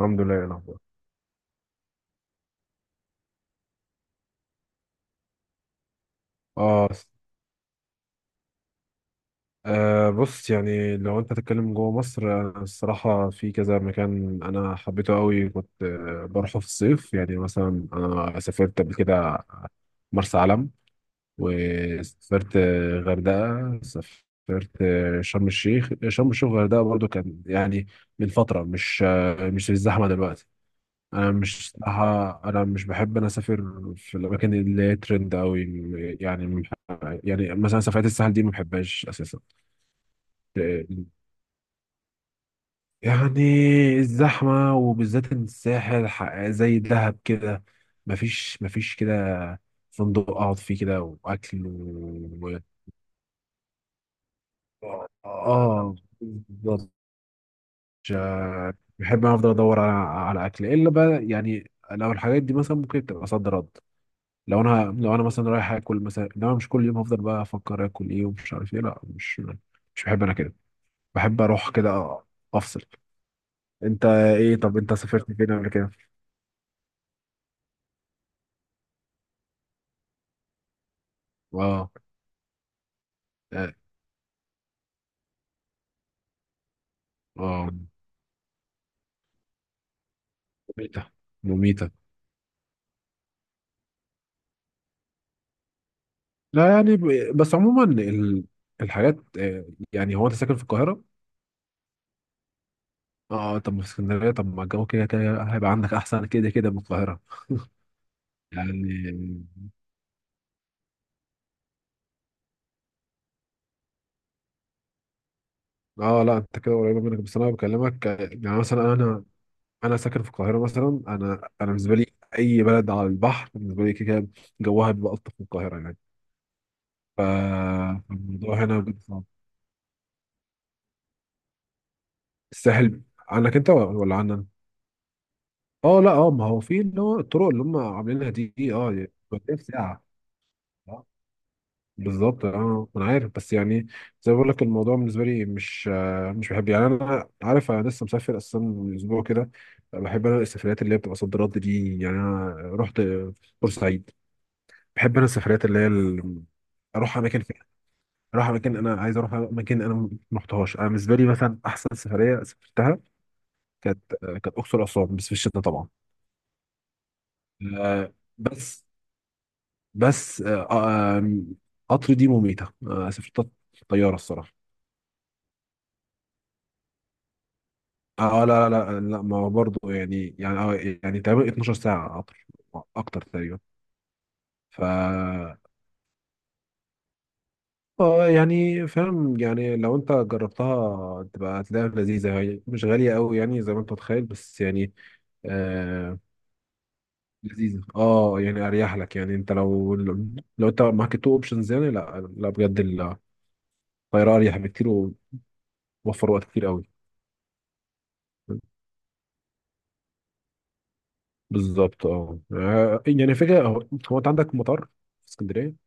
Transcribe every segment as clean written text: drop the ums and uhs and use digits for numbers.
الحمد لله يا الاخبار. اه، بص يعني لو انت تتكلم جوه مصر، الصراحه في كذا مكان انا حبيته قوي، كنت بروحه في الصيف. يعني مثلا انا سافرت قبل كده مرسى علم، وسافرت غردقه، سافرت شرم الشيخ. شرم الشيخ وغردقه برضو كان يعني من فتره، مش مش الزحمه دلوقتي. انا مش، صراحة انا مش بحب انا اسافر في الاماكن اللي هي ترند قوي. يعني م- يعني مثلا سفرات الساحل دي ما بحبهاش اساسا. يعني الزحمه، وبالذات إن الساحل زي دهب كده، مفيش كده فندق اقعد فيه كده واكل و... اه بالظبط. مش- بحب أنا افضل ادور على على اكل الا بقى. يعني لو الحاجات دي مثلا ممكن تبقى صد رد، لو انا مثلا رايح اكل مثلا، انما مش كل يوم هفضل بقى افكر اكل ايه ومش عارف ايه. لا مش، مش بحب انا كده. بحب اروح كده افصل. انت ايه؟ طب انت سافرت فين قبل كده؟ اه اه آه. مميتة مميتة. لا يعني بس عموما ال... الحاجات يعني هو انت ساكن في القاهرة؟ اه طب ما في اسكندرية، طب ما الجو كده كده هيبقى عندك احسن كده كده من القاهرة يعني. اه لا انت كده قريبة منك، بس انا بكلمك يعني مثلا انا، انا ساكن في القاهره مثلا. انا انا بالنسبه لي اي بلد على البحر بالنسبه لي كده كده جوها بيبقى الطف من القاهره يعني. ف- فالموضوع هنا بجد صعب. الساحل عنك انت ولا عنا؟ اه لا اه ما هو في اللي هو الطرق اللي هم عاملينها دي، اه يعني بتبقى في ساعه. آه، بالظبط اه انا عارف، بس يعني زي ما بقول لك الموضوع بالنسبه لي مش مش بحب. يعني انا عارف انا لسه مسافر اصلا من اسبوع كده. بحب انا السفريات اللي هي بتبقى صد رد دي. يعني انا رحت بورسعيد. بحب انا السفريات اللي هي اروح اماكن فيها، اروح اماكن انا عايز اروح اماكن انا ما رحتهاش. انا بالنسبه لي مثلا احسن سفريه سافرتها كانت اقصر اسوان، بس في الشتاء طبعا. آه، بس بس آه، آه، قطر دي مميته. سافرت طياره الصراحه. اه لا ما هو برضه يعني يعني، يعني تقريبا 12 ساعه قطر اكتر تقريبا. ف اه يعني فاهم. يعني لو انت جربتها تبقى هتلاقيها لذيذة، هي مش غالية قوي يعني زي ما انت متخيل، بس يعني آه لذيذة. اه يعني اريح لك. يعني انت لو، لو انت معاك التو اوبشنز يعني، لا لا بجد الطيارة اريح بكتير، ووفر وقت كتير قوي. بالظبط اه يعني فكرة، هو هو انت عندك مطار في اسكندرية؟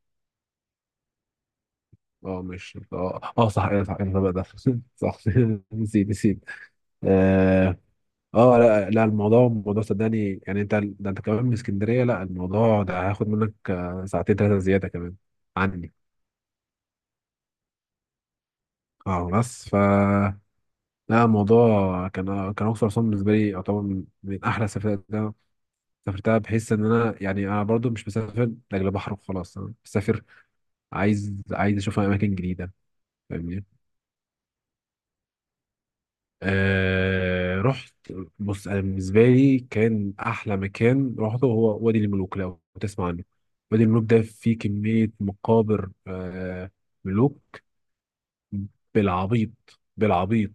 اه مش اه اه صح، ايه صح انا بقى ده صح نسيت نسيت. آه، اه لا لا الموضوع، الموضوع صدقني يعني انت ده انت كمان من اسكندريه. لا الموضوع ده هياخد منك ساعتين ثلاثه زياده كمان عني. اه بس لا الموضوع كان اقصر اسوان بالنسبه لي يعتبر من من احلى السفرات اللي انا سافرتها. بحيث ان انا يعني انا برضو مش مسافر لاجل بحر وخلاص، انا مسافر عايز عايز اشوف اماكن جديده. فاهمني؟ رحت. بص انا بالنسبه لي كان احلى مكان رحته هو وادي الملوك، لو تسمع عنه. وادي الملوك ده فيه كميه مقابر آه ملوك بالعبيط بالعبيط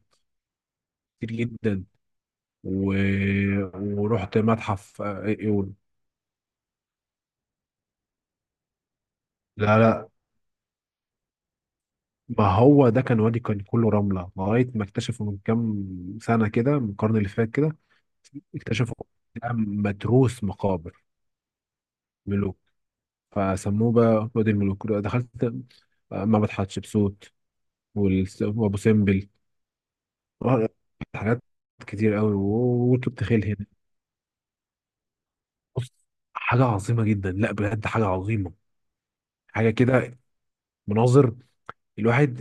كتير جدا و... ورحت متحف ايون. لا لا ما هو ده كان وادي، كان كله رمله لغايه ما اكتشفوا من كام سنه كده، من القرن اللي فات كده. اكتشفوا ده متروس مقابر ملوك، فسموه بقى وادي الملوك. دخلت معبد حتشبسوت وابو سمبل. آه، حاجات كتير قوي وركبت خيل هنا. بص حاجه عظيمه جدا، لا بجد حاجه عظيمه. حاجه كده مناظر. الواحد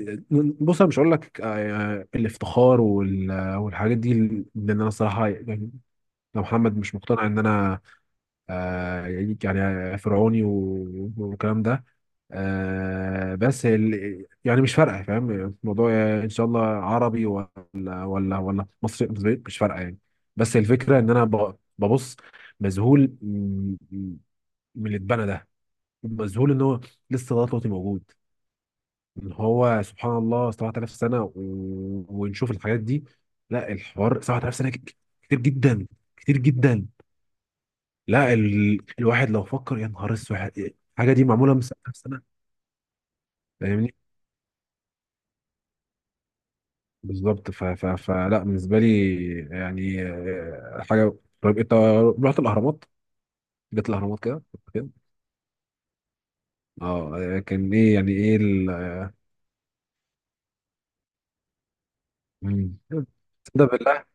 بص، انا مش هقول لك الافتخار والحاجات دي، لان انا الصراحه يعني لو محمد مش مقتنع ان انا آه، يعني فرعوني والكلام ده. بس يعني مش فارقه فاهم الموضوع، ان شاء الله عربي ولا، ولا ولا مصري مصري، مش فارقه يعني. بس الفكره ان انا ببص مذهول من من اللي اتبنى ده، مذهول ان هو لسه لغايه دلوقتي موجود. ان هو سبحان الله 7000 سنه و... ونشوف الحاجات دي. لا الحوار 7000 سنه كتير جدا، كتير جدا. لا ال... الواحد لو فكر يا نهار اسود، الحاجه دي معموله من سنه لسنه. فاهمني؟ بالظبط. ف... ف... فلا بالنسبه لي، يعني حاجه. طيب انت رحت الاهرامات؟ جت الاهرامات كده كده؟ اه كان ايه يعني ايه ال... مم. تصدق بالله،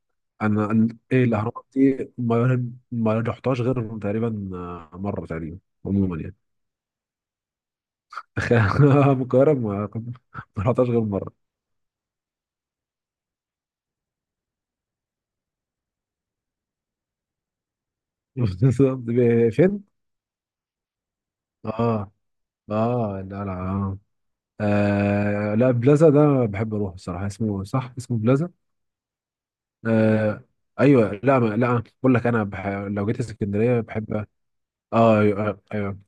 ايه الاهرامات دي ما ما رحتهاش غير تقريبا مره تقريبا. عموما يعني تخيل أنا من القاهره ما ما رحتهاش غير مره. بالظبط. فين؟ اه اه لا لا آه. آه لا بلازا ده بحب اروح بصراحه، اسمه صح اسمه بلازا. آه ايوه لا ما لا بقول لك انا بح... لو جيت اسكندريه بحب. اه ايوه ايوه.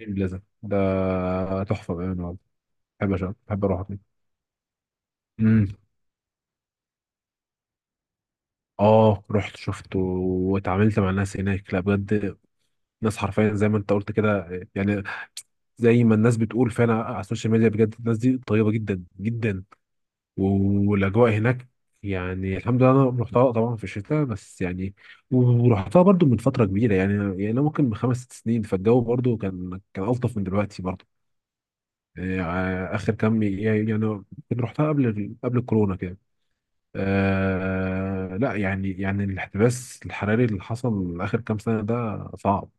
بلازا ده تحفه بامانه والله. بحب أشوف. بحب اروح هناك. امم اه رحت شفته واتعاملت مع الناس هناك. لا بجد ناس حرفيا زي ما انت قلت كده يعني، زي ما الناس بتقول فعلا على السوشيال ميديا، بجد الناس دي طيبه جدا جدا. والاجواء هناك يعني الحمد لله. انا رحتها طبعا في الشتاء بس يعني، ورحتها برضو من فتره كبيره يعني يعني، أنا ممكن من خمس ست سنين، فالجو برضو كان الطف من دلوقتي برضو يعني. اخر كام يعني يعني كنت رحتها قبل، قبل الكورونا كده. آه لا يعني يعني الاحتباس الحراري اللي حصل اخر كام سنه ده صعب.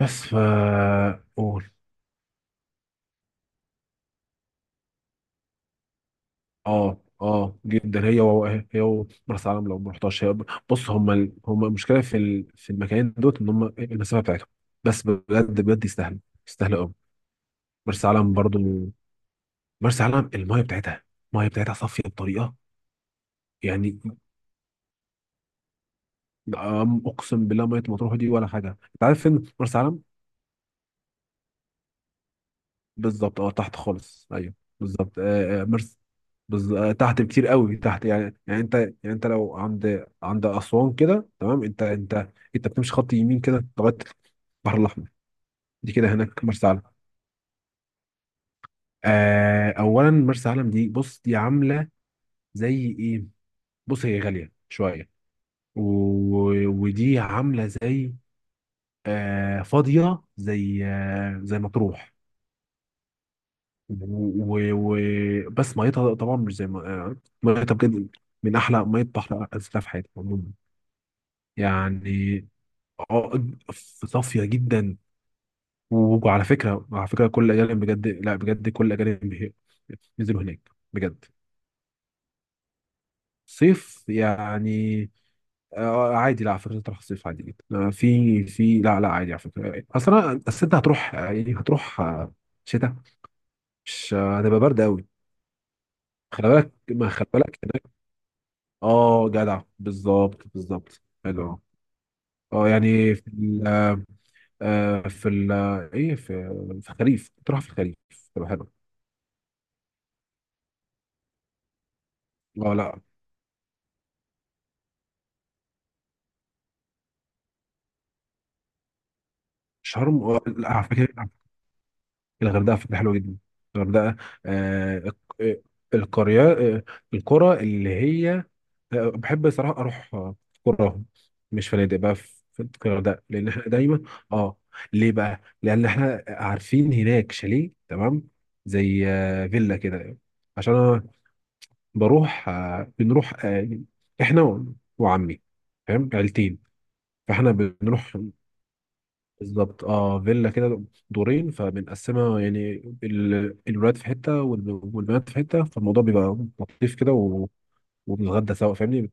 بس اه اه جدا. هي و... هي و... مرسى علم لو ما رحتهاش هي. بص هم ال... هم المشكله في ال... في المكانين دوت ان هم المسافه بتاعتهم، بس بجد بجد يستاهلوا، يستاهلوا قوي. مرسى علم برضو، مرسى علم المايه بتاعتها، المايه بتاعتها صافيه بطريقه يعني. اقسم بالله ميه مطروح دي ولا حاجه. انت عارف فين مرسى علم؟ بالظبط اه تحت خالص ايوه. بالظبط مرس آه تحت بكتير قوي تحت. يعني يعني انت يعني انت لو عند عند اسوان كده تمام، انت انت انت بتمشي خط يمين كده لغايه البحر الاحمر. دي كده هناك مرسى علم. آه اولا مرسى علم دي بص دي عامله زي ايه. بص هي غاليه شويه و... ودي عامله زي آه فاضيه زي آه زي مطروح و... و... بس ميتها طبعا مش زي ما ميتها بجد من احلى ميه بحر نزلتها في حياتي عموما يعني. اه صافيه جدا. وعلى فكره، على فكره كل الاجانب بجد، لا بجد كل الاجانب نزلوا هناك بجد. صيف يعني عادي. لا على فكره تروح الصيف عادي جدا. في لا لا عادي على فكره. اصل انا أصل انت هتروح يعني هتروح شتاء، مش هتبقى برد قوي. خلي بالك ما خلي بالك اه جدع بالظبط بالظبط حلو أوي. اه يعني في ال آه، في ال ايه في في الخريف، تروح في الخريف تبقى حلو. اه لا شرم لا على فكره الغردقه فكره حلوه جدا. الغردقه آه الق- آه، القريه، آه، القرى اللي هي بحب صراحة أروح قراهم، مش فنادق بقى في في الغردقة، لأن إحنا دايما آه ليه بقى؟ لأن إحنا عارفين هناك شاليه تمام زي فيلا كده. عشان أنا بروح آه، بنروح آه، إحنا وعمي فاهم؟ عيلتين. فإحنا بنروح، بالظبط آه فيلا كده دورين، فبنقسمها يعني الولاد في حتة والبنات في حتة، فالموضوع بيبقى لطيف كده و- وبنتغدى سوا فاهمني.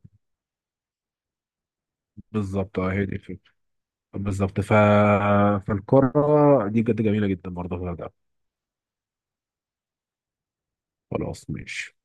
بالظبط اه هي دي الفكرة، بالظبط فالقارة دي بجد جميلة جدا برضه في الغردقة. خلاص ماشي.